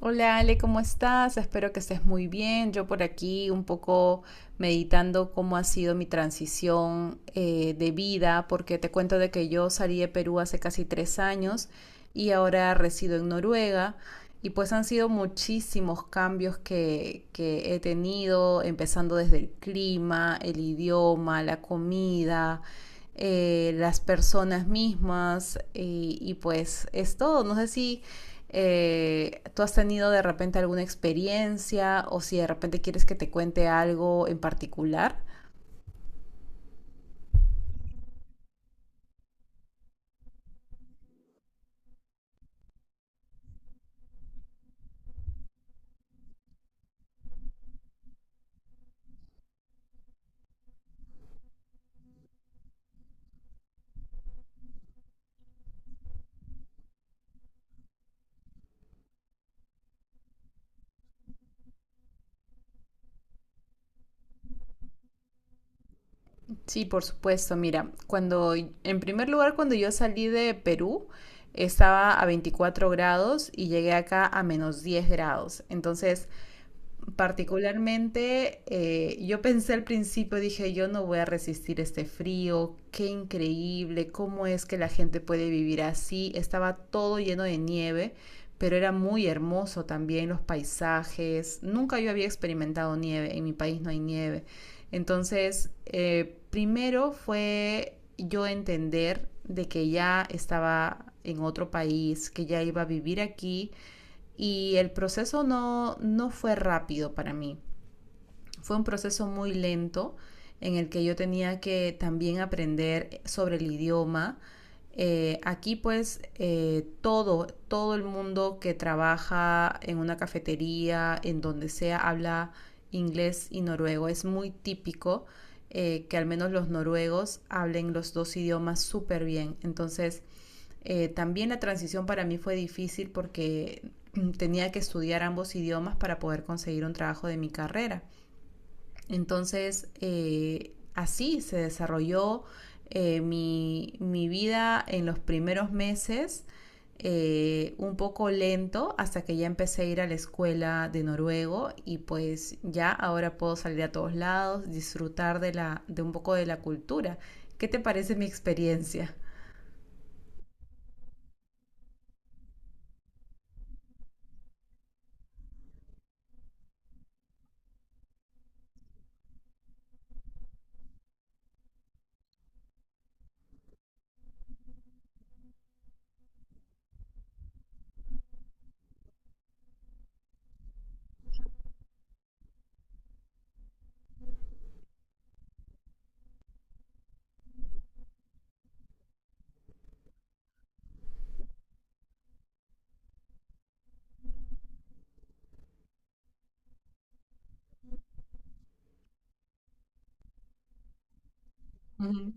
Hola Ale, ¿cómo estás? Espero que estés muy bien. Yo por aquí un poco meditando cómo ha sido mi transición, de vida, porque te cuento de que yo salí de Perú hace casi 3 años y ahora resido en Noruega. Y pues han sido muchísimos cambios que he tenido, empezando desde el clima, el idioma, la comida, las personas mismas, y pues es todo. No sé si ¿tú has tenido de repente alguna experiencia o si de repente quieres que te cuente algo en particular? Sí, por supuesto. Mira, cuando, en primer lugar, cuando yo salí de Perú, estaba a 24 grados y llegué acá a menos 10 grados. Entonces, particularmente, yo pensé al principio, dije, yo no voy a resistir este frío, qué increíble, cómo es que la gente puede vivir así. Estaba todo lleno de nieve, pero era muy hermoso también los paisajes. Nunca yo había experimentado nieve, en mi país no hay nieve. Entonces, primero fue yo entender de que ya estaba en otro país, que ya iba a vivir aquí y el proceso no fue rápido para mí. Fue un proceso muy lento en el que yo tenía que también aprender sobre el idioma. Aquí pues todo el mundo que trabaja en una cafetería, en donde sea, habla inglés y noruego. Es muy típico que al menos los noruegos hablen los dos idiomas súper bien. Entonces también la transición para mí fue difícil porque tenía que estudiar ambos idiomas para poder conseguir un trabajo de mi carrera. Entonces, así se desarrolló, mi vida en los primeros meses, un poco lento, hasta que ya empecé a ir a la escuela de noruego y pues ya ahora puedo salir a todos lados, disfrutar de un poco de la cultura. ¿Qué te parece mi experiencia? Ujú.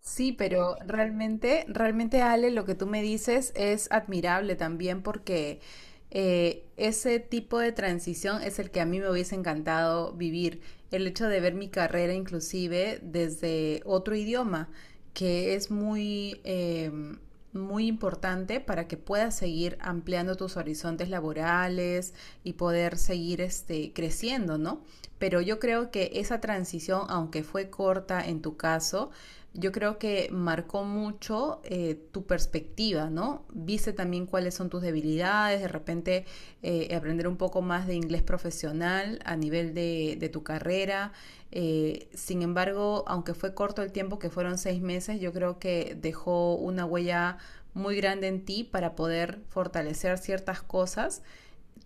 Sí, pero realmente, realmente Ale, lo que tú me dices es admirable también, porque ese tipo de transición es el que a mí me hubiese encantado vivir. El hecho de ver mi carrera inclusive desde otro idioma, que es muy importante para que puedas seguir ampliando tus horizontes laborales y poder seguir creciendo, ¿no? Pero yo creo que esa transición, aunque fue corta en tu caso, yo creo que marcó mucho, tu perspectiva, ¿no? Viste también cuáles son tus debilidades, de repente, aprender un poco más de inglés profesional a nivel de tu carrera. Sin embargo, aunque fue corto el tiempo, que fueron 6 meses, yo creo que dejó una huella muy grande en ti para poder fortalecer ciertas cosas,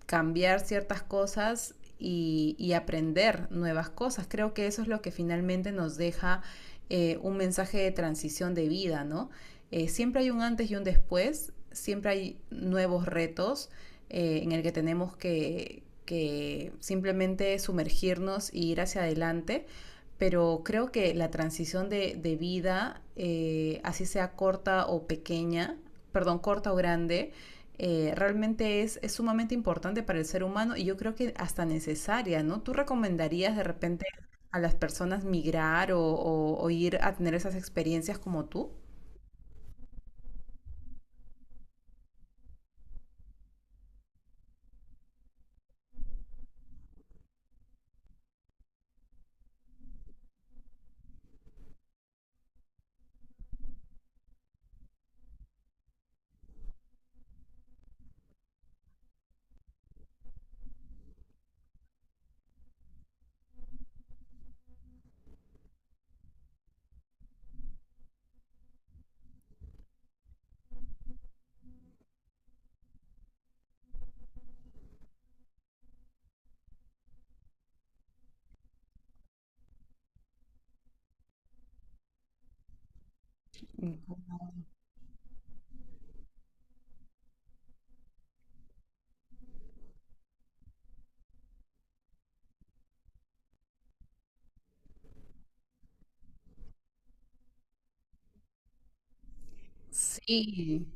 cambiar ciertas cosas y, aprender nuevas cosas. Creo que eso es lo que finalmente nos deja, un mensaje de transición de vida, ¿no? Siempre hay un antes y un después, siempre hay nuevos retos, en el que tenemos que simplemente sumergirnos y ir hacia adelante, pero creo que la transición de vida, así sea corta o pequeña, perdón, corta o grande, realmente es sumamente importante para el ser humano y yo creo que hasta necesaria, ¿no? ¿Tú recomendarías de repente a las personas migrar o ir a tener esas experiencias como tú? Ujú. Sí,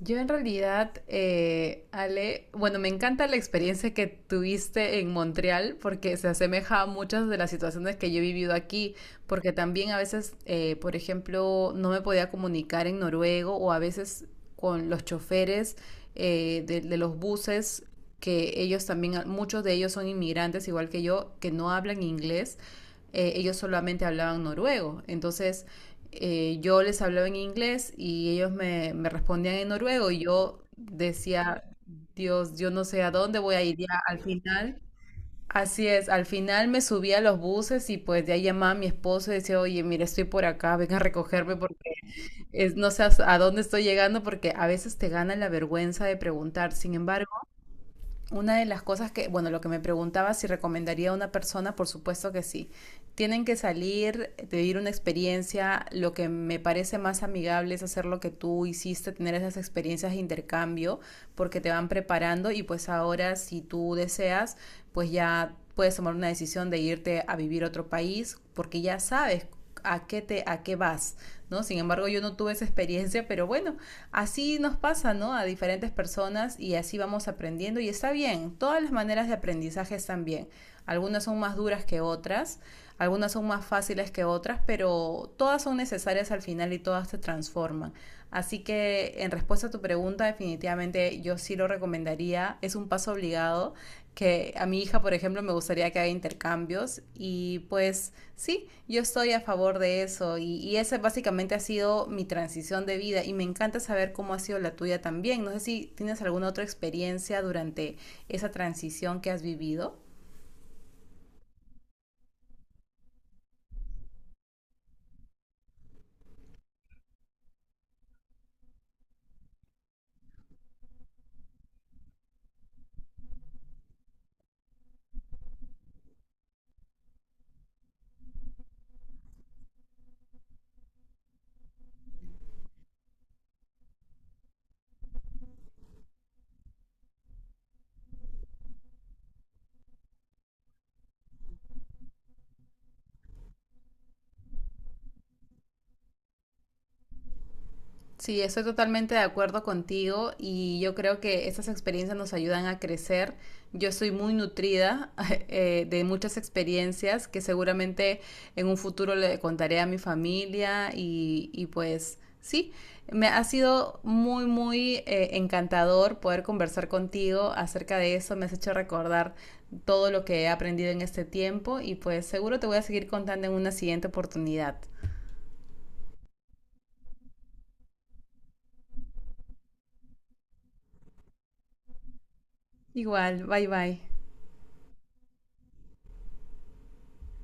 yo en realidad, Ale, bueno, me encanta la experiencia que tuviste en Montreal porque se asemeja a muchas de las situaciones que yo he vivido aquí, porque también a veces, por ejemplo, no me podía comunicar en noruego o a veces con los choferes, de los buses, que ellos también, muchos de ellos son inmigrantes, igual que yo, que no hablan inglés, ellos solamente hablaban noruego. Entonces, yo les hablaba en inglés y ellos me respondían en noruego y yo decía, Dios, yo no sé a dónde voy a ir ya al final. Así es, al final me subí a los buses y pues de ahí llamaba a mi esposo y decía, oye, mira, estoy por acá, ven a recogerme porque no sé a dónde estoy llegando porque a veces te gana la vergüenza de preguntar. Sin embargo, una de las cosas que, bueno, lo que me preguntaba si recomendaría a una persona, por supuesto que sí, tienen que salir, vivir una experiencia. Lo que me parece más amigable es hacer lo que tú hiciste, tener esas experiencias de intercambio, porque te van preparando y pues ahora, si tú deseas, pues ya puedes tomar una decisión de irte a vivir a otro país, porque ya sabes a qué vas, ¿no? Sin embargo, yo no tuve esa experiencia, pero bueno, así nos pasa, ¿no? A diferentes personas, y así vamos aprendiendo y está bien. Todas las maneras de aprendizaje están bien. Algunas son más duras que otras, algunas son más fáciles que otras, pero todas son necesarias al final y todas te transforman. Así que, en respuesta a tu pregunta, definitivamente yo sí lo recomendaría. Es un paso obligado que a mi hija, por ejemplo, me gustaría que haga intercambios, y pues sí, yo estoy a favor de eso, y, esa básicamente ha sido mi transición de vida y me encanta saber cómo ha sido la tuya también. No sé si tienes alguna otra experiencia durante esa transición que has vivido. Sí, estoy totalmente de acuerdo contigo y yo creo que estas experiencias nos ayudan a crecer. Yo soy muy nutrida de muchas experiencias que seguramente en un futuro le contaré a mi familia, y pues sí, me ha sido muy, muy, encantador poder conversar contigo acerca de eso. Me has hecho recordar todo lo que he aprendido en este tiempo y pues seguro te voy a seguir contando en una siguiente oportunidad. Igual, bye bye.